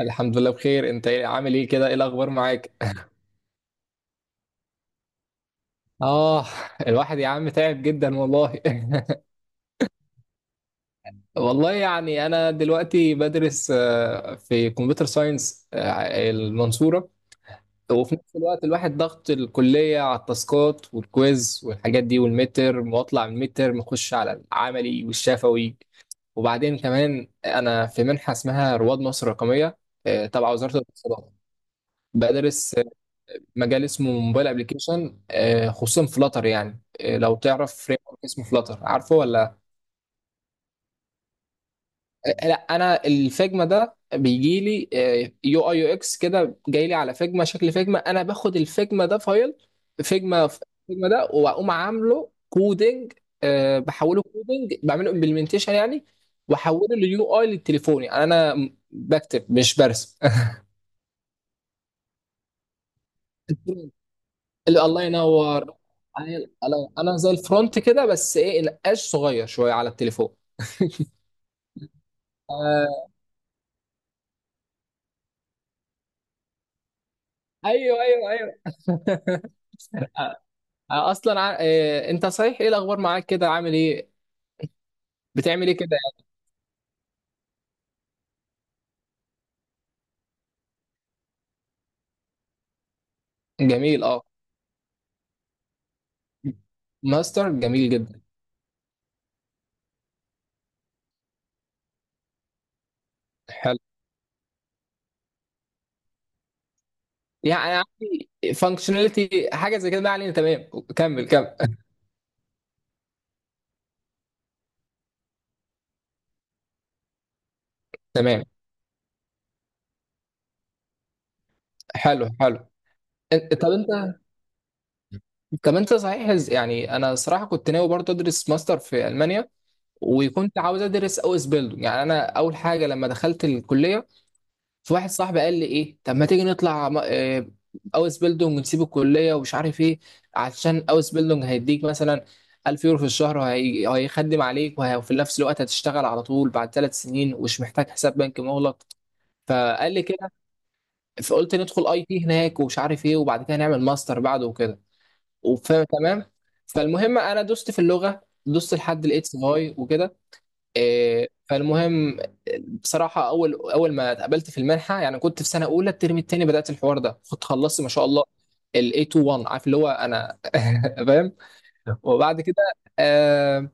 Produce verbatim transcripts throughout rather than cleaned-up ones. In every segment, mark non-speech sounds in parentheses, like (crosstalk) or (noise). الحمد لله بخير. انت ايه- عامل ايه كده، ايه الاخبار معاك؟ اه (laughs) الواحد يا عم تعب جدا والله (laughs) والله يعني انا دلوقتي بدرس آه، في كمبيوتر ساينس، آه، المنصورة. وفي نفس الوقت الواحد ضغط الكلية على التاسكات والكويز والحاجات دي والمتر، واطلع من المتر مخش على العملي والشفوي. وبعدين كمان انا في منحة اسمها رواد مصر الرقمية، آه، تبع وزارة الاتصالات. بدرس مجال اسمه موبايل ابلكيشن، خصوصا فلاتر يعني. آه، لو تعرف فريم ورك اسمه فلاتر، عارفه ولا؟ آه، لا، انا الفيجما ده بيجي لي يو اي يو اكس كده، جاي لي على فيجما، شكل فيجما. انا باخد الفيجما ده فايل فيجما، فيجما ده واقوم عامله كودنج، بحوله كودنج، بعمله امبلمنتيشن يعني. واحوله ليو اي للتليفون، يعني انا بكتب مش برسم. (laughs) ال- الله ينور. أنا أنا أنا زي الفرونت كده، بس إيه، نقاش صغير شوية على التليفون. آه، أيوه أيوه أيوه. آه. آه، أصلا ع... آه أنت صحيح، إيه الأخبار معاك كده، عامل إيه؟ بتعمل إيه كده؟ يعني جميل، أه، ماستر جميل جدا. حلو، يعني عندي فانكشناليتي حاجة زي كده. ما علينا، تمام، كمل كمل. تمام، حلو حلو. إن- طب أنت، طب انت صحيح، يعني انا صراحه كنت ناوي برضه ادرس ماستر في المانيا، وكنت عاوز ادرس او اس بيلدو. يعني انا اول حاجه لما دخلت الكليه، في واحد صاحبي قال لي ايه، طب ما تيجي نطلع م- آه، او اس بيلدونج، ونسيب الكليه ومش عارف ايه، عشان او اس بيلدونج هيديك مثلا ألف يورو في الشهر، وهي- وهيخدم عليك، وه- وفي نفس الوقت هتشتغل على طول بعد ثلاث سنين، ومش محتاج حساب بنكي مغلق. فقال لي كده، فقلت ندخل اي تي هناك ومش عارف ايه، وبعد كده نعمل ماستر بعده وكده. وف- تمام. فالمهم انا دوست في اللغه، دوست لحد الاكس واي وكده. إيه، فالمهم، بصراحة أول أول ما اتقبلت في المنحة، يعني كنت في سنة أولى، الترم التاني بدأت الحوار ده، كنت خلصت ما شاء الله ال ايه اتنين واحد، عارف اللي هو، أنا (laughs) فاهم. وبعد كده آه،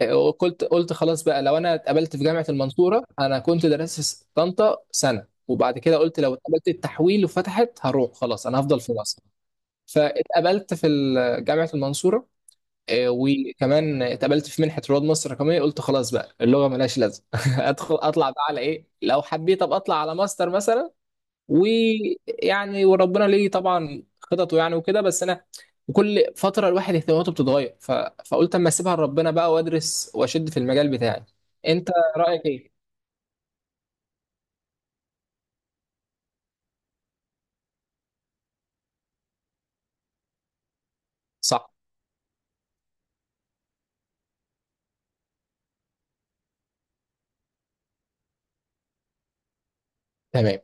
آه، قلت قلت خلاص بقى، لو أنا اتقبلت في جامعة المنصورة، أنا كنت درست في طنطا سنة، وبعد كده قلت لو اتقبلت التحويل وفتحت هروح، خلاص أنا هفضل في مصر. فاتقبلت في ال- جامعة المنصورة، آه، وكمان اتقبلت في منحه رواد مصر الرقميه. قلت خلاص بقى، اللغه ملهاش لازمه (laughs) ادخل اطلع بقى على ايه، لو حبيت ابقى اطلع على ماستر مثلا. ويعني وربنا ليه طبعا خططه يعني وكده، بس انا وكل فتره الواحد اهتماماته بتتغير ف... فقلت اما اسيبها لربنا بقى، وادرس واشد في المجال بتاعي. انت رايك ايه؟ صح، تمام،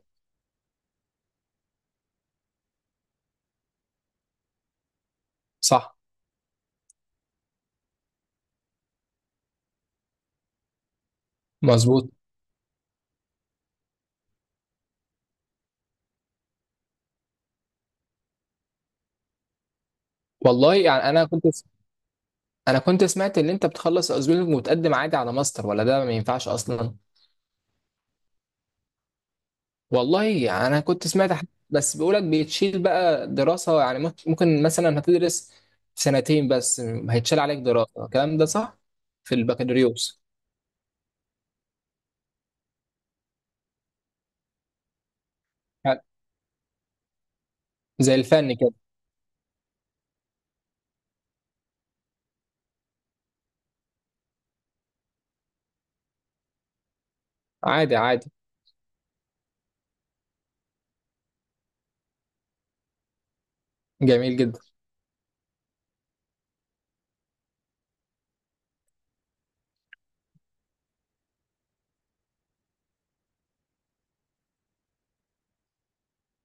صح، مظبوط. والله يعني انا كنت، انا كنت سمعت ان انت بتخلص ازميلك وتقدم عادي على ماستر، ولا ده ما ينفعش اصلا؟ والله يعني انا كنت سمعت حد بس بيقولك بيتشيل بقى دراسة، يعني ممكن ممكن مثلا هتدرس سنتين بس، هيتشال عليك دراسة، الكلام ده صح؟ في البكالوريوس. يعني زي الفن كده؟ عادي عادي، جميل جدا،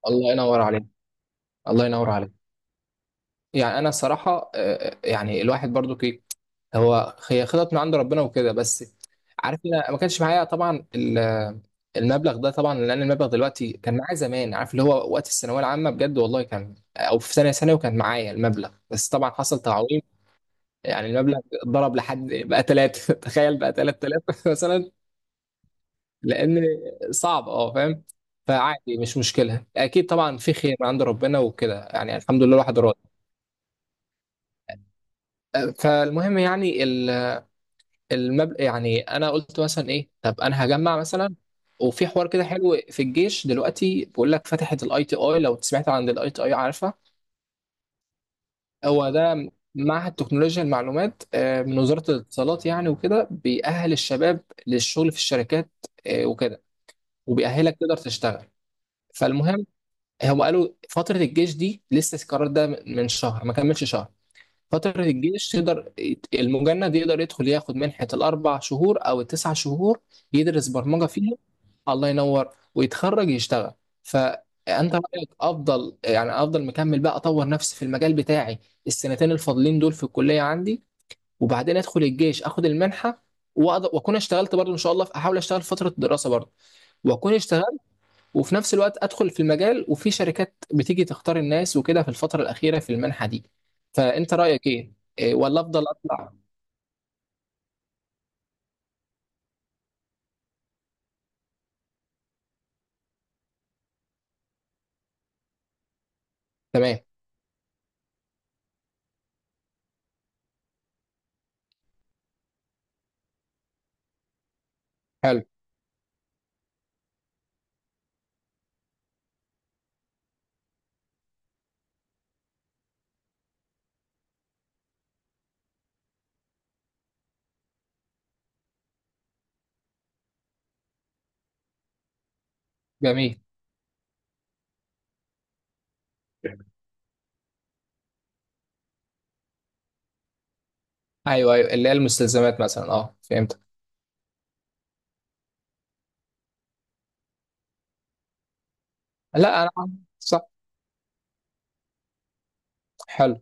الله ينور عليك، الله ينور عليك. يعني انا الصراحة، آه، يعني الواحد برضو، هو هي خطط من عند ربنا وكده. بس عارف، انا ما كانش معايا طبعا ال- المبلغ ده طبعا، لان المبلغ دلوقتي كان معايا زمان، عارف اللي هو وقت الثانويه العامه، بجد والله كان، او في ثانيه ثانوي وكان معايا المبلغ، بس طبعا حصل تعويم. يعني المبلغ ضرب لحد بقى ثلاثة (laughs) تخيل بقى تلات آلاف (laughs) مثلا. لان صعب، اه فاهم. فعادي، مش مشكله، اكيد طبعا في خير من عند ربنا وكده، يعني الحمد لله الواحد راضي. فالمهم يعني المبلغ، يعني انا قلت مثلا ايه، طب انا هجمع مثلا. وفي حوار كده حلو في الجيش دلوقتي، بيقول لك فتحت الاي تي اي، لو سمعت عن الاي تي اي، عارفها؟ هو ده معهد تكنولوجيا المعلومات، آه، من وزارة الاتصالات، يعني وكده بيأهل الشباب للشغل في الشركات، آه، وكده، وبيأهلك تقدر تشتغل. فالمهم، هم قالوا فترة الجيش دي، لسه القرار ده من شهر، ما كملش شهر. فترة الجيش تقدر، المجند يقدر يدخل ياخد منحة الأربع شهور أو التسع شهور، يدرس برمجة فيها. الله ينور. ويتخرج يشتغل. فأنت رأيك أفضل، يعني أفضل مكمل بقى أطور نفسي في المجال بتاعي السنتين الفاضلين دول في الكلية عندي، وبعدين أدخل الجيش أخد المنحة، وأقدر- وأكون اشتغلت برضه إن شاء الله، أحاول أشتغل فترة الدراسة برضه، وأكون اشتغلت، وفي نفس الوقت ادخل في المجال، وفي شركات بتيجي تختار الناس وكده في الفتره الاخيره في المنحه دي. فانت رايك ايه؟ إيه، ولا افضل اطلع؟ تمام، حلو، جميل، ايوه ايوه، اللي هي المستلزمات مثلا، اه فهمتك. لا انا، صح، حلو،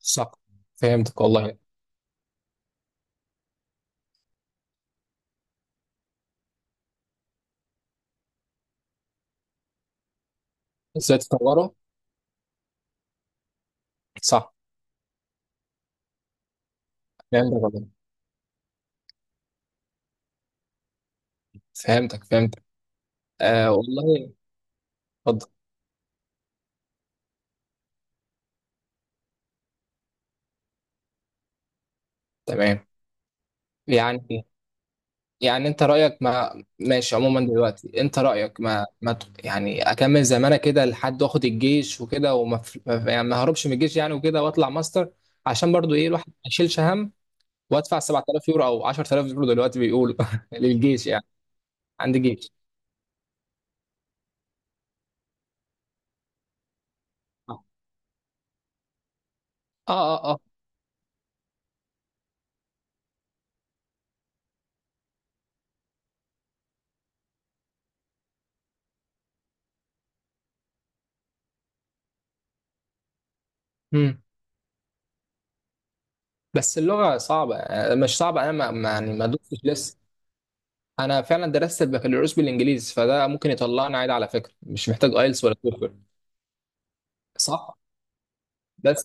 صح، فهمتك والله. ازاي تطوره؟ صح، فهمتك والله، فهمتك فهمتك. آه والله. اتفضل. تمام. يعني، يعني انت رأيك ما ماشي عموما دلوقتي، انت رأيك ما ما ت- يعني اكمل زمانة كده لحد واخد الجيش وكده، وما ف- ما ف- يعني ما هربش من الجيش يعني وكده، واطلع ماستر، عشان برضو ايه، الواحد ما يشيلش هم. وادفع سبعة آلاف يورو او عشر آلاف يورو دلوقتي بيقولوا (laughs) للجيش يعني. عندي جيش. اه، اه اه. مم. بس اللغة صعبة، آه، مش صعبة، انا ما ما- يعني ما دوستش لسه. انا فعلا درست البكالوريوس بالانجليزي، فده ممكن يطلعني عادي. على فكرة مش محتاج ايلتس ولا توفل. صح. بس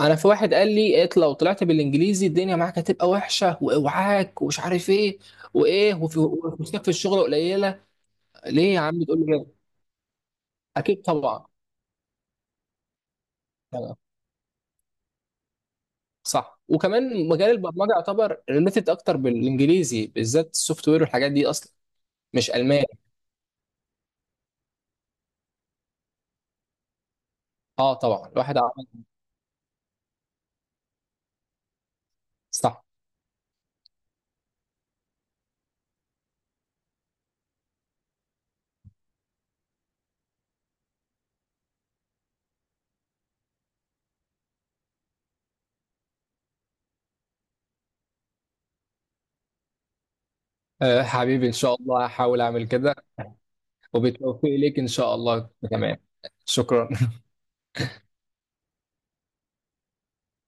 انا في واحد قال لي إيه، لو طلعت بالانجليزي الدنيا معاك هتبقى وحشه، واوعاك ومش عارف ايه، وايه وفي- وفلوسك في الشغل قليله. ليه يا عم تقول لي كده؟ اكيد طبعا. تمام. صح، وكمان مجال البرمجه يعتبر ريليتد اكتر بالانجليزي بالذات، السوفت وير والحاجات دي اصلا مش الماني. اه طبعا الواحد عمل. صح. آه حبيبي، ان شاء الله هحاول اعمل كده. وبالتوفيق ليك ان شاء الله، تمام، شكرا.